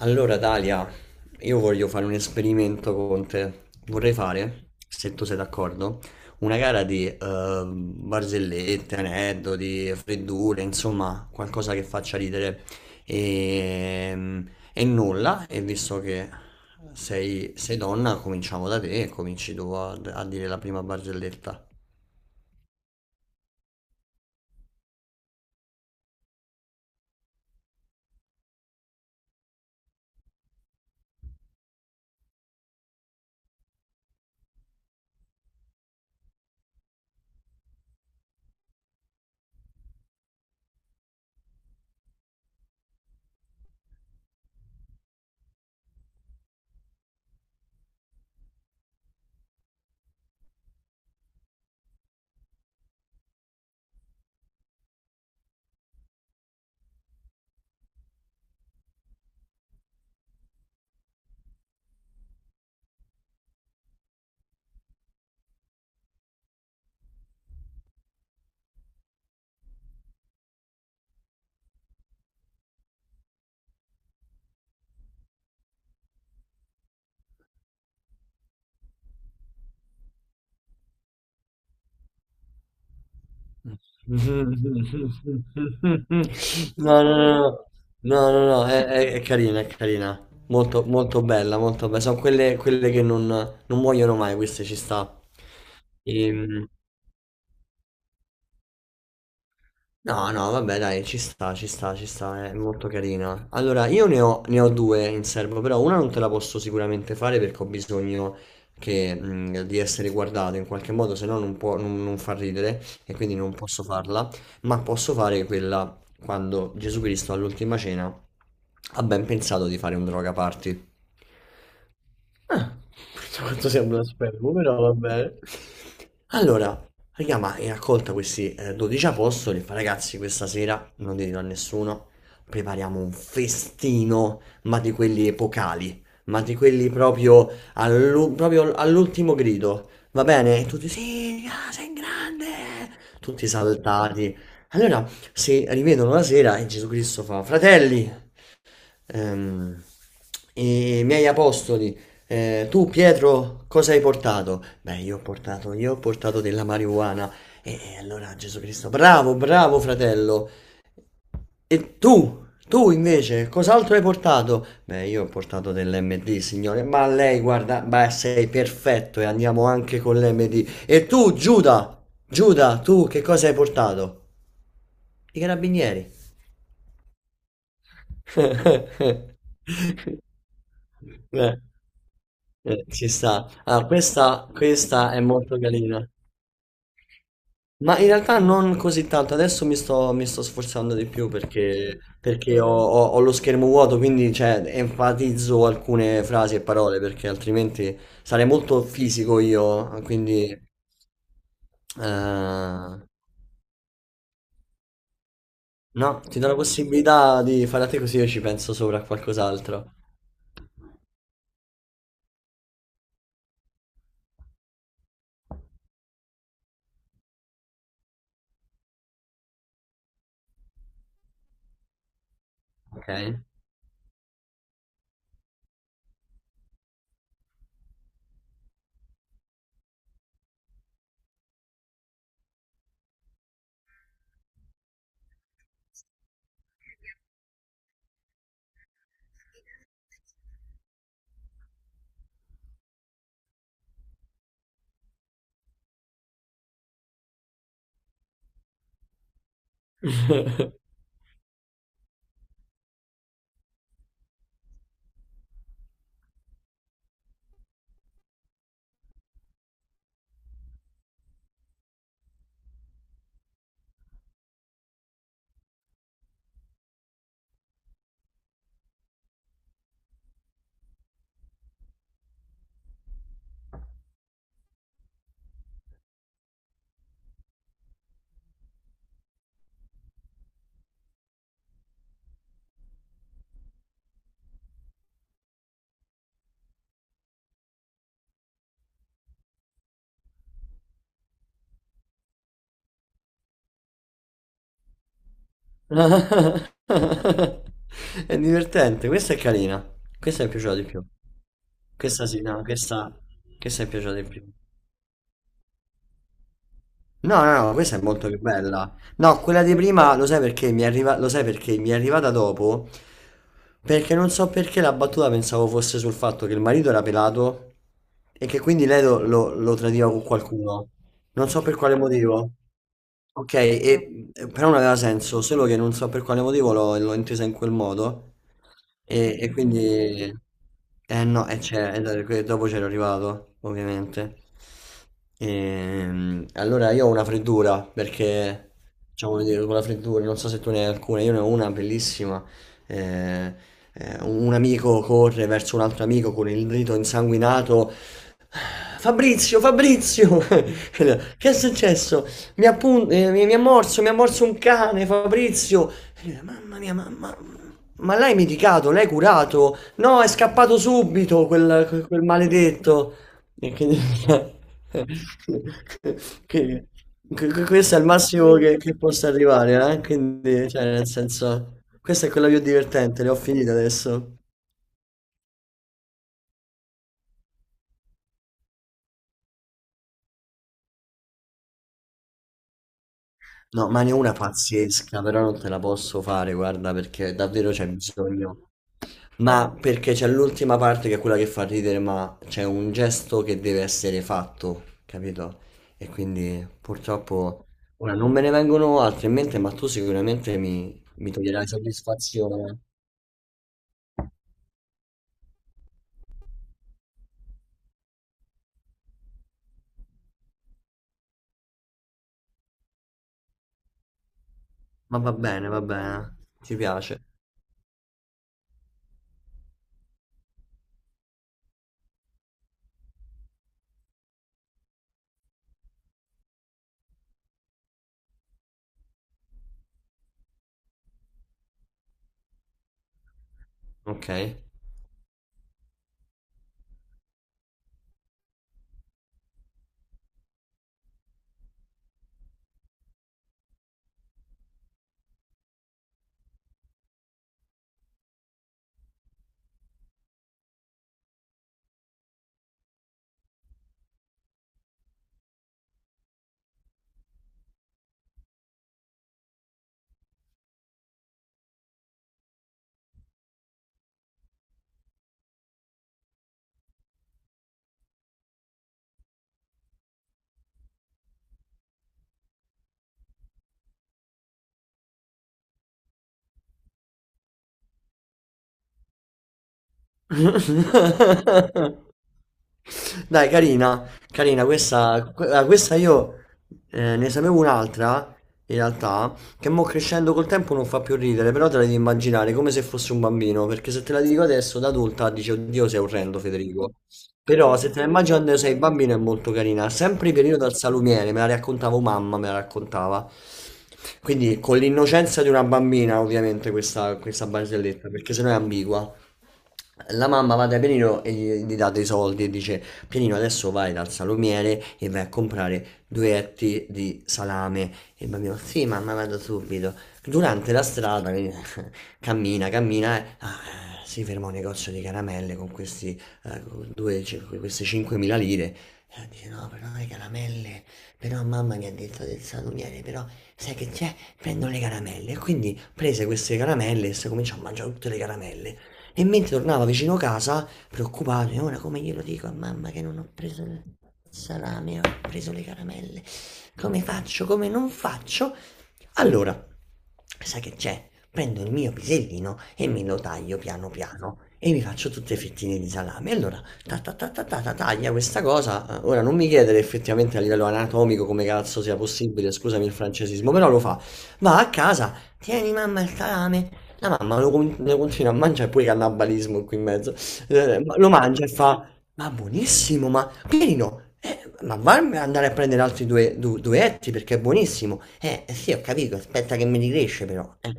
Allora, Dalia, io voglio fare un esperimento con te. Vorrei fare, se tu sei d'accordo, una gara di barzellette, aneddoti, freddure, insomma, qualcosa che faccia ridere. E, e nulla, e visto che sei donna, cominciamo da te e cominci tu a dire la prima barzelletta. No, no, no, no, no, è carina, è carina. Molto, molto bella, molto bella. Sono quelle, quelle che non muoiono mai, queste ci sta. Ehm, No, no, vabbè, dai, ci sta, ci sta, ci sta, è molto carina. Allora, io ne ho, ne ho due in serbo, però una non te la posso sicuramente fare perché ho bisogno che, di essere guardato in qualche modo, se no non può, non, non fa ridere e quindi non posso farla, ma posso fare quella quando Gesù Cristo all'ultima cena ha ben pensato di fare un droga party. Ah, questo quanto sembra un spermo, però va bene. Allora, raga, ma hai raccolta questi 12 apostoli, fa, ragazzi, questa sera non dirlo a nessuno, prepariamo un festino, ma di quelli epocali, ma di quelli proprio, proprio all'ultimo grido, va bene? E tutti, sì, raga, sei grande, tutti saltati. Allora, si rivedono la sera e Gesù Cristo fa, fratelli, Ehm, i miei apostoli, tu Pietro, cosa hai portato? Beh, io ho portato della marijuana. E allora Gesù Cristo, bravo, bravo fratello. E tu invece, cos'altro hai portato? Beh, io ho portato dell'MD, signore. Ma lei, guarda, beh, sei perfetto e andiamo anche con l'MD. E tu, Giuda, Giuda, tu che cosa hai portato? I carabinieri. Eh, ci sta. Ah, questa è molto carina. Ma in realtà non così tanto, adesso mi sto sforzando di più perché ho, ho lo schermo vuoto, quindi cioè, enfatizzo alcune frasi e parole perché altrimenti sarei molto fisico io, quindi no, ti do la possibilità di fare a te così io ci penso sopra a qualcos'altro, ok? È divertente, questa è carina. Questa mi è piaciuta di più. Questa sì, no, questa mi è piaciuta di più. No, no, no, questa è molto più bella. No, quella di prima lo sai perché mi è arrivata dopo? Perché non so perché la battuta pensavo fosse sul fatto che il marito era pelato e che quindi lei lo tradiva con qualcuno. Non so per quale motivo. Ok, e però non aveva senso, solo che non so per quale motivo l'ho intesa in quel modo e quindi... Eh no, e c'è- e da- que- dopo c'ero arrivato, ovviamente. Allora io ho una freddura, perché diciamo come dire, con la freddura, non so se tu ne hai alcune, io ne ho una bellissima. eh, un amico corre verso un altro amico con il dito insanguinato. "Ah, Fabrizio, Fabrizio! Che è successo? Mi ha morso un cane, Fabrizio. E lui, mamma mia, mamma. Ma l'hai medicato? L'hai curato? No, è scappato subito quel maledetto. E quindi- che- questo è il massimo che possa arrivare, eh? Quindi, cioè, nel senso, questa è quella più divertente, le ho finite adesso. No, ma ne ho una pazzesca, però non te la posso fare, guarda, perché davvero c'è bisogno. Ma perché c'è l'ultima parte che è quella che fa ridere, ma c'è un gesto che deve essere fatto, capito? E quindi purtroppo ora non me ne vengono altri in mente, ma tu sicuramente mi toglierai soddisfazione. Ma va bene, ti piace. Ok. Dai, carina, carina, questa io ne sapevo un'altra, in realtà, che mo crescendo col tempo non fa più ridere, però te la devi immaginare come se fosse un bambino, perché se te la dico adesso da adulta dici, oddio, sei orrendo, Federico. Però se te la immagini quando sei bambino è molto carina, sempre periodo al salumiere, me la raccontavo mamma, me la raccontava. Quindi con l'innocenza di una bambina, ovviamente, questa barzelletta, perché sennò è ambigua. La mamma va da Pianino e gli dà dei soldi e dice: Pianino, adesso vai dal salumiere e vai a comprare due etti di salame. E il bambino: sì, mamma, vado subito. Durante la strada quindi, cammina, cammina. Si ferma a un negozio di caramelle con questi, con queste 5.000 lire. E dice: no, però le caramelle. Però mamma mi ha detto del salumiere, però sai che c'è? Prendo le caramelle. E quindi prese queste caramelle e si cominciò a mangiare tutte le caramelle. E mentre tornava vicino casa, preoccupato, e ora come glielo dico a mamma che non ho preso il salame, ho preso le caramelle, come faccio, come non faccio? Allora, sai che c'è? Prendo il mio pisellino e me lo taglio piano piano e mi faccio tutte fettine di salame. Allora, ta ta ta ta ta ta, taglia questa cosa. Ora non mi chiedere effettivamente a livello anatomico come cazzo sia possibile, scusami il francesismo, però lo fa. Va a casa, tieni mamma il salame, la mamma lo continua a mangiare, pure cannibalismo qui in mezzo. Lo mangia e fa, ma buonissimo, ma Pierino, ma varmi andare a prendere altri due, duetti perché è buonissimo. Sì, ho capito, aspetta che mi ricresce però. Eh,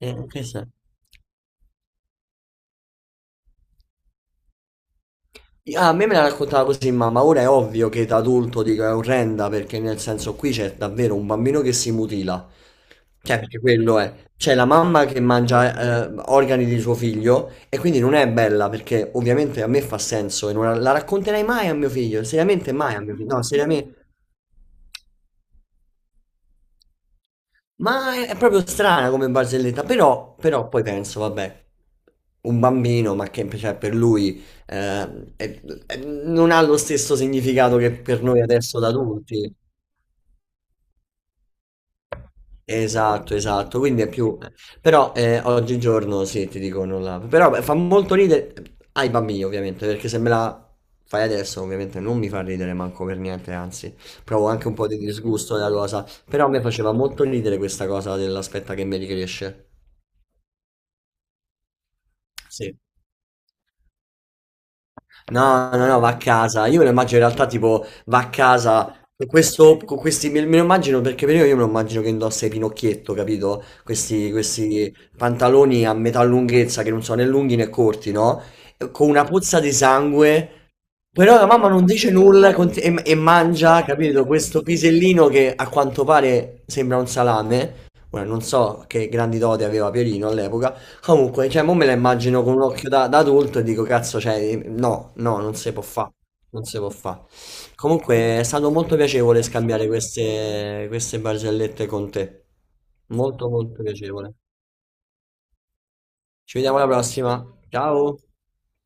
eh, Che sa? A me me la raccontava così mamma, ora è ovvio che da adulto dico è orrenda perché nel senso qui c'è davvero un bambino che si mutila, cioè perché quello è, c'è la mamma che mangia organi di suo figlio e quindi non è bella perché ovviamente a me fa senso e non la racconterai mai a mio figlio, seriamente mai a mio figlio, no seriamente. Ma è proprio strana come barzelletta, però, però poi penso, vabbè, un bambino, ma che cioè, per lui non ha lo stesso significato che per noi adesso da adulti. Esatto, esatto, quindi è più... Però oggigiorno sì, ti dico non la... Però beh, fa molto ridere ai bambini ovviamente, perché se me la fai adesso ovviamente non mi fa ridere manco per niente, anzi, provo anche un po' di disgusto della cosa, però a me faceva molto ridere questa cosa dell'aspetta che mi ricresce. Sì. No, no, no, va a casa. Io me lo immagino in realtà tipo va a casa con questo, me lo immagino perché per io me lo immagino che indossa i Pinocchietto, capito? Questi pantaloni a metà lunghezza che non sono né lunghi né corti, no? Con una puzza di sangue però la mamma non dice nulla e mangia, capito, questo pisellino che a quanto pare sembra un salame. Ora non so che grandi doti aveva Pierino all'epoca. Comunque, cioè, mo me la immagino con un occhio da adulto e dico, cazzo, cioè, no, no, non si può fare. Non si può fare. Comunque, è stato molto piacevole scambiare queste barzellette con te. Molto, molto piacevole. Ci vediamo alla prossima. Ciao.